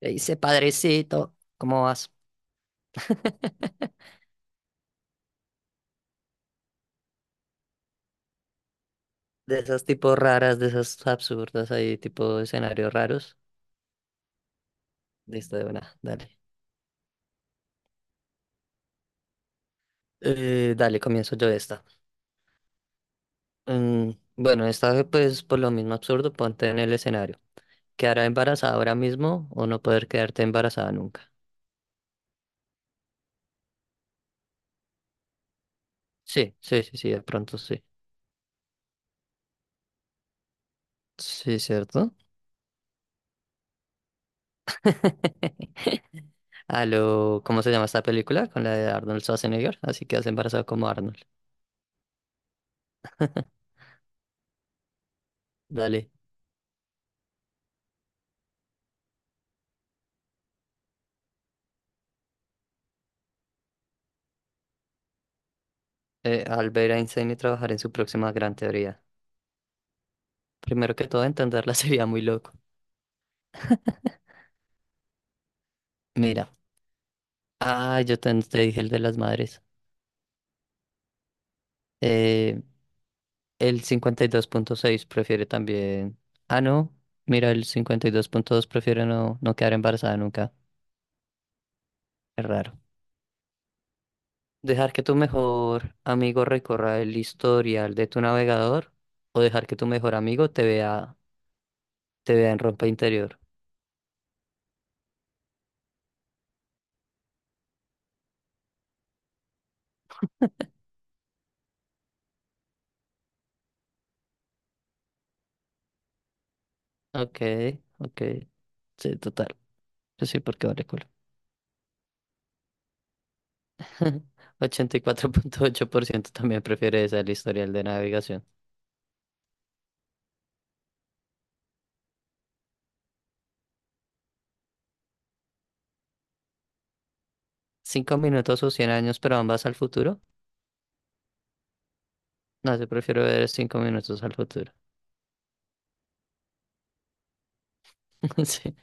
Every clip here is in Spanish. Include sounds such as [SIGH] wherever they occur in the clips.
Le dice, padrecito, ¿cómo vas? De esas tipos raras, de esas absurdas, ahí tipo escenarios raros. Listo, de una, dale. Dale, comienzo yo esta. Mm, bueno, esta pues por lo mismo absurdo, ponte en el escenario. ¿Quedará embarazada ahora mismo o no poder quedarte embarazada nunca? Sí, sí, sí, sí, de pronto sí. Sí, ¿cierto? [LAUGHS] A lo, ¿cómo se llama esta película? Con la de Arnold Schwarzenegger, así que has embarazado como Arnold. Dale. Al ver a Einstein y trabajar en su próxima gran teoría. Primero que todo, entenderla [LAUGHS] sería muy loco. Mira, ah, yo te dije el de las madres. Eh, el 52.6 prefiere también. Ah, no. Mira, el 52.2 prefiere no, no quedar embarazada nunca. Es raro. Dejar que tu mejor amigo recorra el historial de tu navegador o dejar que tu mejor amigo te vea en ropa interior. Ok, ok. Sí, total. Yo sí, porque vale [LAUGHS] 84.8% también prefiere esa el historial de navegación. ¿5 minutos o 100 años, pero ambas al futuro? No, yo prefiero ver 5 minutos al futuro. [LAUGHS] Sí,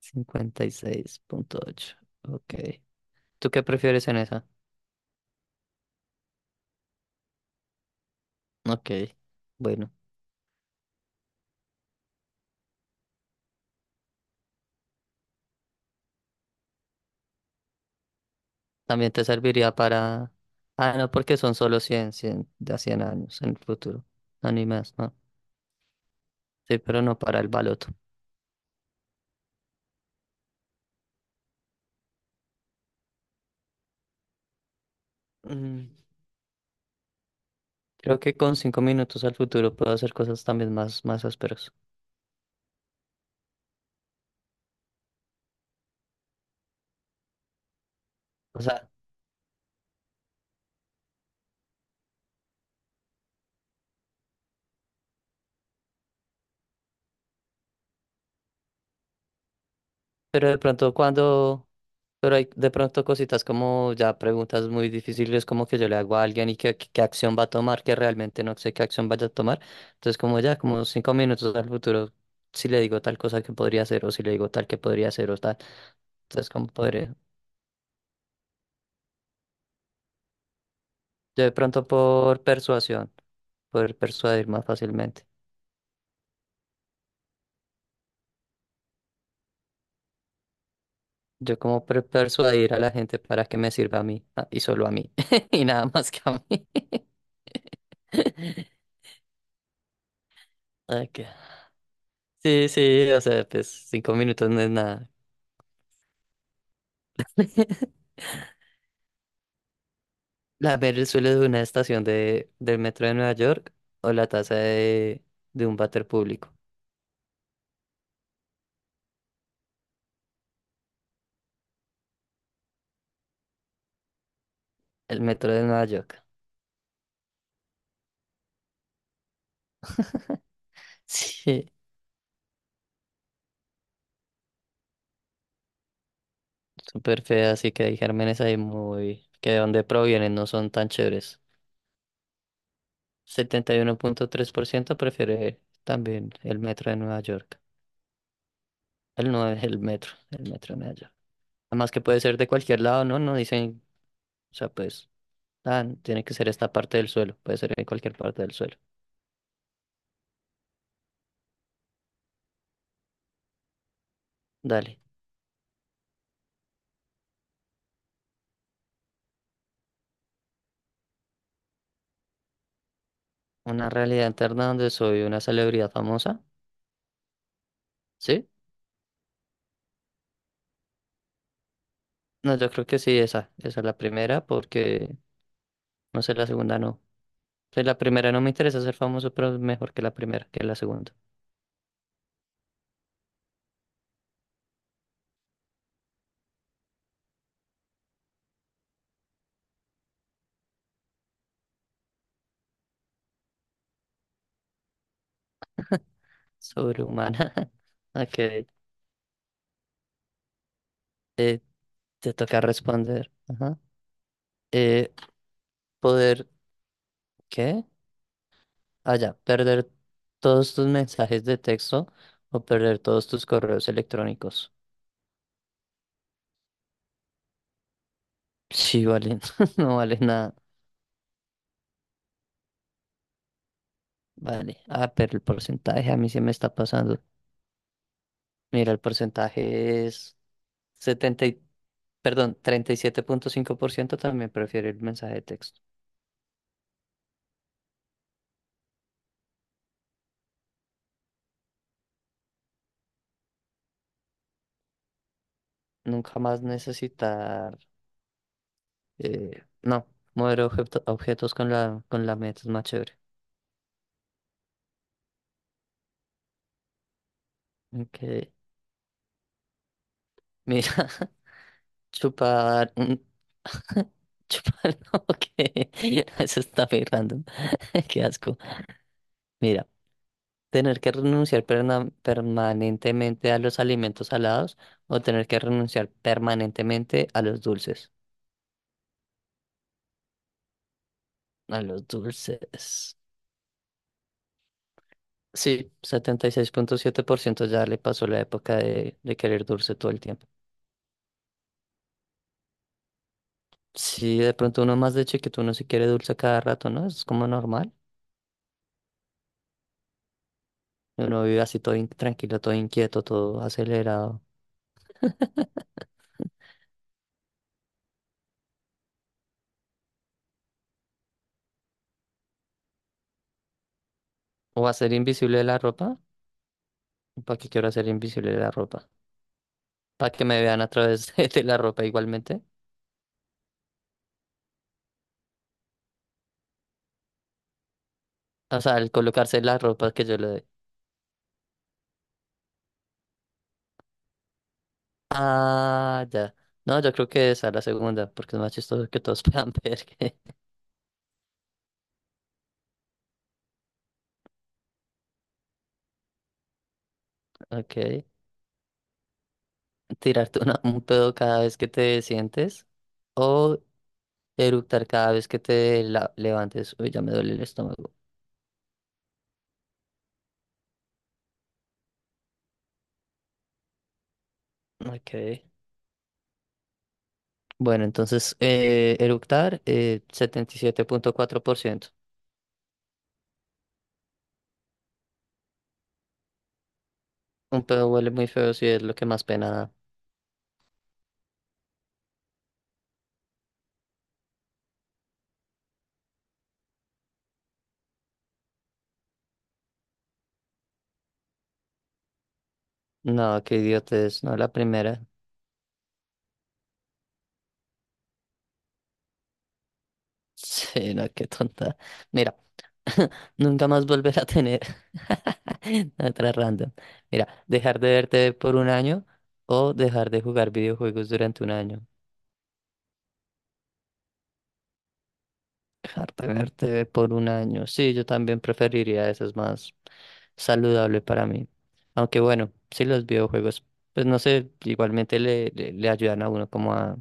56.8. Ok. ¿Tú qué prefieres en esa? Ok. Bueno, también te serviría para... Ah, no, porque son solo cien de a 100 años en el futuro. No, ni más, no. Sí, pero no para el baloto. Mm, Creo que con cinco minutos al futuro puedo hacer cosas también más, más ásperas. O sea, pero de pronto cuando, pero hay de pronto cositas como ya preguntas muy difíciles como que yo le hago a alguien y qué acción va a tomar, que realmente no sé qué acción vaya a tomar. Entonces como ya, como 5 minutos al futuro, si le digo tal cosa que podría hacer o si le digo tal que podría hacer o tal. Entonces como podría, yo de pronto por persuasión, poder persuadir más fácilmente. Yo como persuadir a la gente para que me sirva a mí ah, y solo a mí [LAUGHS] y nada más que a mí. [LAUGHS] Ok. Sí, sí, o sea, pues 5 minutos no es nada. [LAUGHS] La ver el suelo de una estación del metro de Nueva York o la taza de un váter público. El metro de Nueva York. [LAUGHS] Sí, súper fea, así que hay gérmenes ahí muy... que de dónde provienen no son tan chéveres. 71.3% prefiere también el metro de Nueva York. El no es el metro de Nueva York. Además que puede ser de cualquier lado, ¿no? No dicen, o sea, pues, ah, tiene que ser esta parte del suelo, puede ser en cualquier parte del suelo. Dale, una realidad interna donde soy una celebridad famosa, ¿sí? No, yo creo que sí, esa es la primera, porque no sé, la segunda no. Pues la primera no me interesa ser famoso, pero es mejor que la primera, que la segunda. Sobrehumana. [LAUGHS] Ok, eh, te toca responder. Ajá. Eh, Poder, ¿qué? Ah, ya, perder todos tus mensajes de texto o perder todos tus correos electrónicos. Sí, vale, [LAUGHS] no vale nada. Vale, ah, pero el porcentaje a mí se me está pasando. Mira, el porcentaje es, 70 y- perdón, 37.5% también prefiere el mensaje de texto. Nunca más necesitar, no, mover objetos con la meta es más chévere. Ok, mira, [LAUGHS] chupar, [LAUGHS] chupar, no, que [LAUGHS] eso está muy random, [LAUGHS] qué asco. Mira, tener que renunciar permanentemente a los alimentos salados o tener que renunciar permanentemente a los dulces. A los dulces. Sí, 76.7% ya le pasó la época de querer dulce todo el tiempo. Sí, de pronto uno más de chiquito uno se quiere dulce a cada rato, ¿no? Es como normal. Uno vive así todo tranquilo, todo inquieto, todo acelerado. O hacer invisible la ropa. ¿Para qué quiero hacer invisible la ropa? Para que me vean a través [LAUGHS] de la ropa igualmente. O sea, el colocarse la ropa que yo le doy. Ah, ya. No, yo creo que esa la segunda, porque es más chistoso que todos [LAUGHS] puedan ver que... [LAUGHS] Ok. Tirarte un pedo cada vez que te sientes o eructar cada vez que te levantes. Uy, ya me duele el estómago. Ok. Bueno, entonces eructar, 77.4%. Un pedo huele muy feo si es lo que más pena da. No, qué idiotez, no la primera. [LAUGHS] Sí, no, qué tonta. Mira, [LAUGHS] nunca más volver a tener [LAUGHS] otra random. Mira, dejar de verte por un año o dejar de jugar videojuegos durante un año. Harta verte por un año. Sí, yo también preferiría eso, es más saludable para mí. Aunque bueno, sí los videojuegos, pues no sé, igualmente le ayudan a uno como a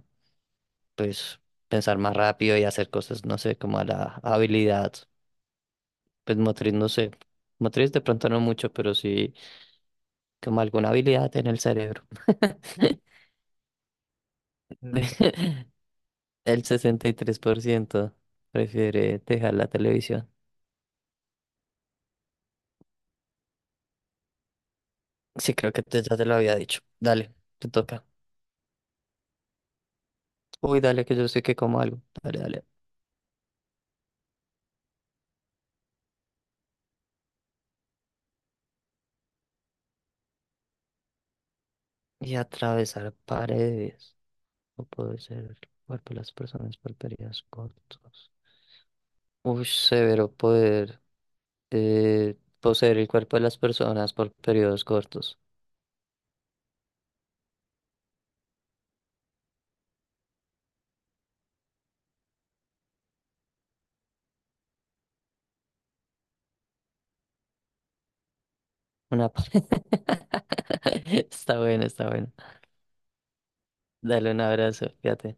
pues pensar más rápido y hacer cosas, no sé, como a la habilidad, pues motriz, no sé. Motriz de pronto no mucho, pero sí como alguna habilidad en el cerebro. [LAUGHS] De- El 63% prefiere dejar la televisión. Sí, creo que ya te lo había dicho. Dale, te toca. Uy, dale, que yo sé que como algo. Dale, dale. Y atravesar paredes. O poder ser el cuerpo de las personas por periodos cortos. Uy, severo poder poseer el cuerpo de las personas por periodos cortos. Una pa- [LAUGHS] Está bueno, está bueno. Dale un abrazo, fíjate.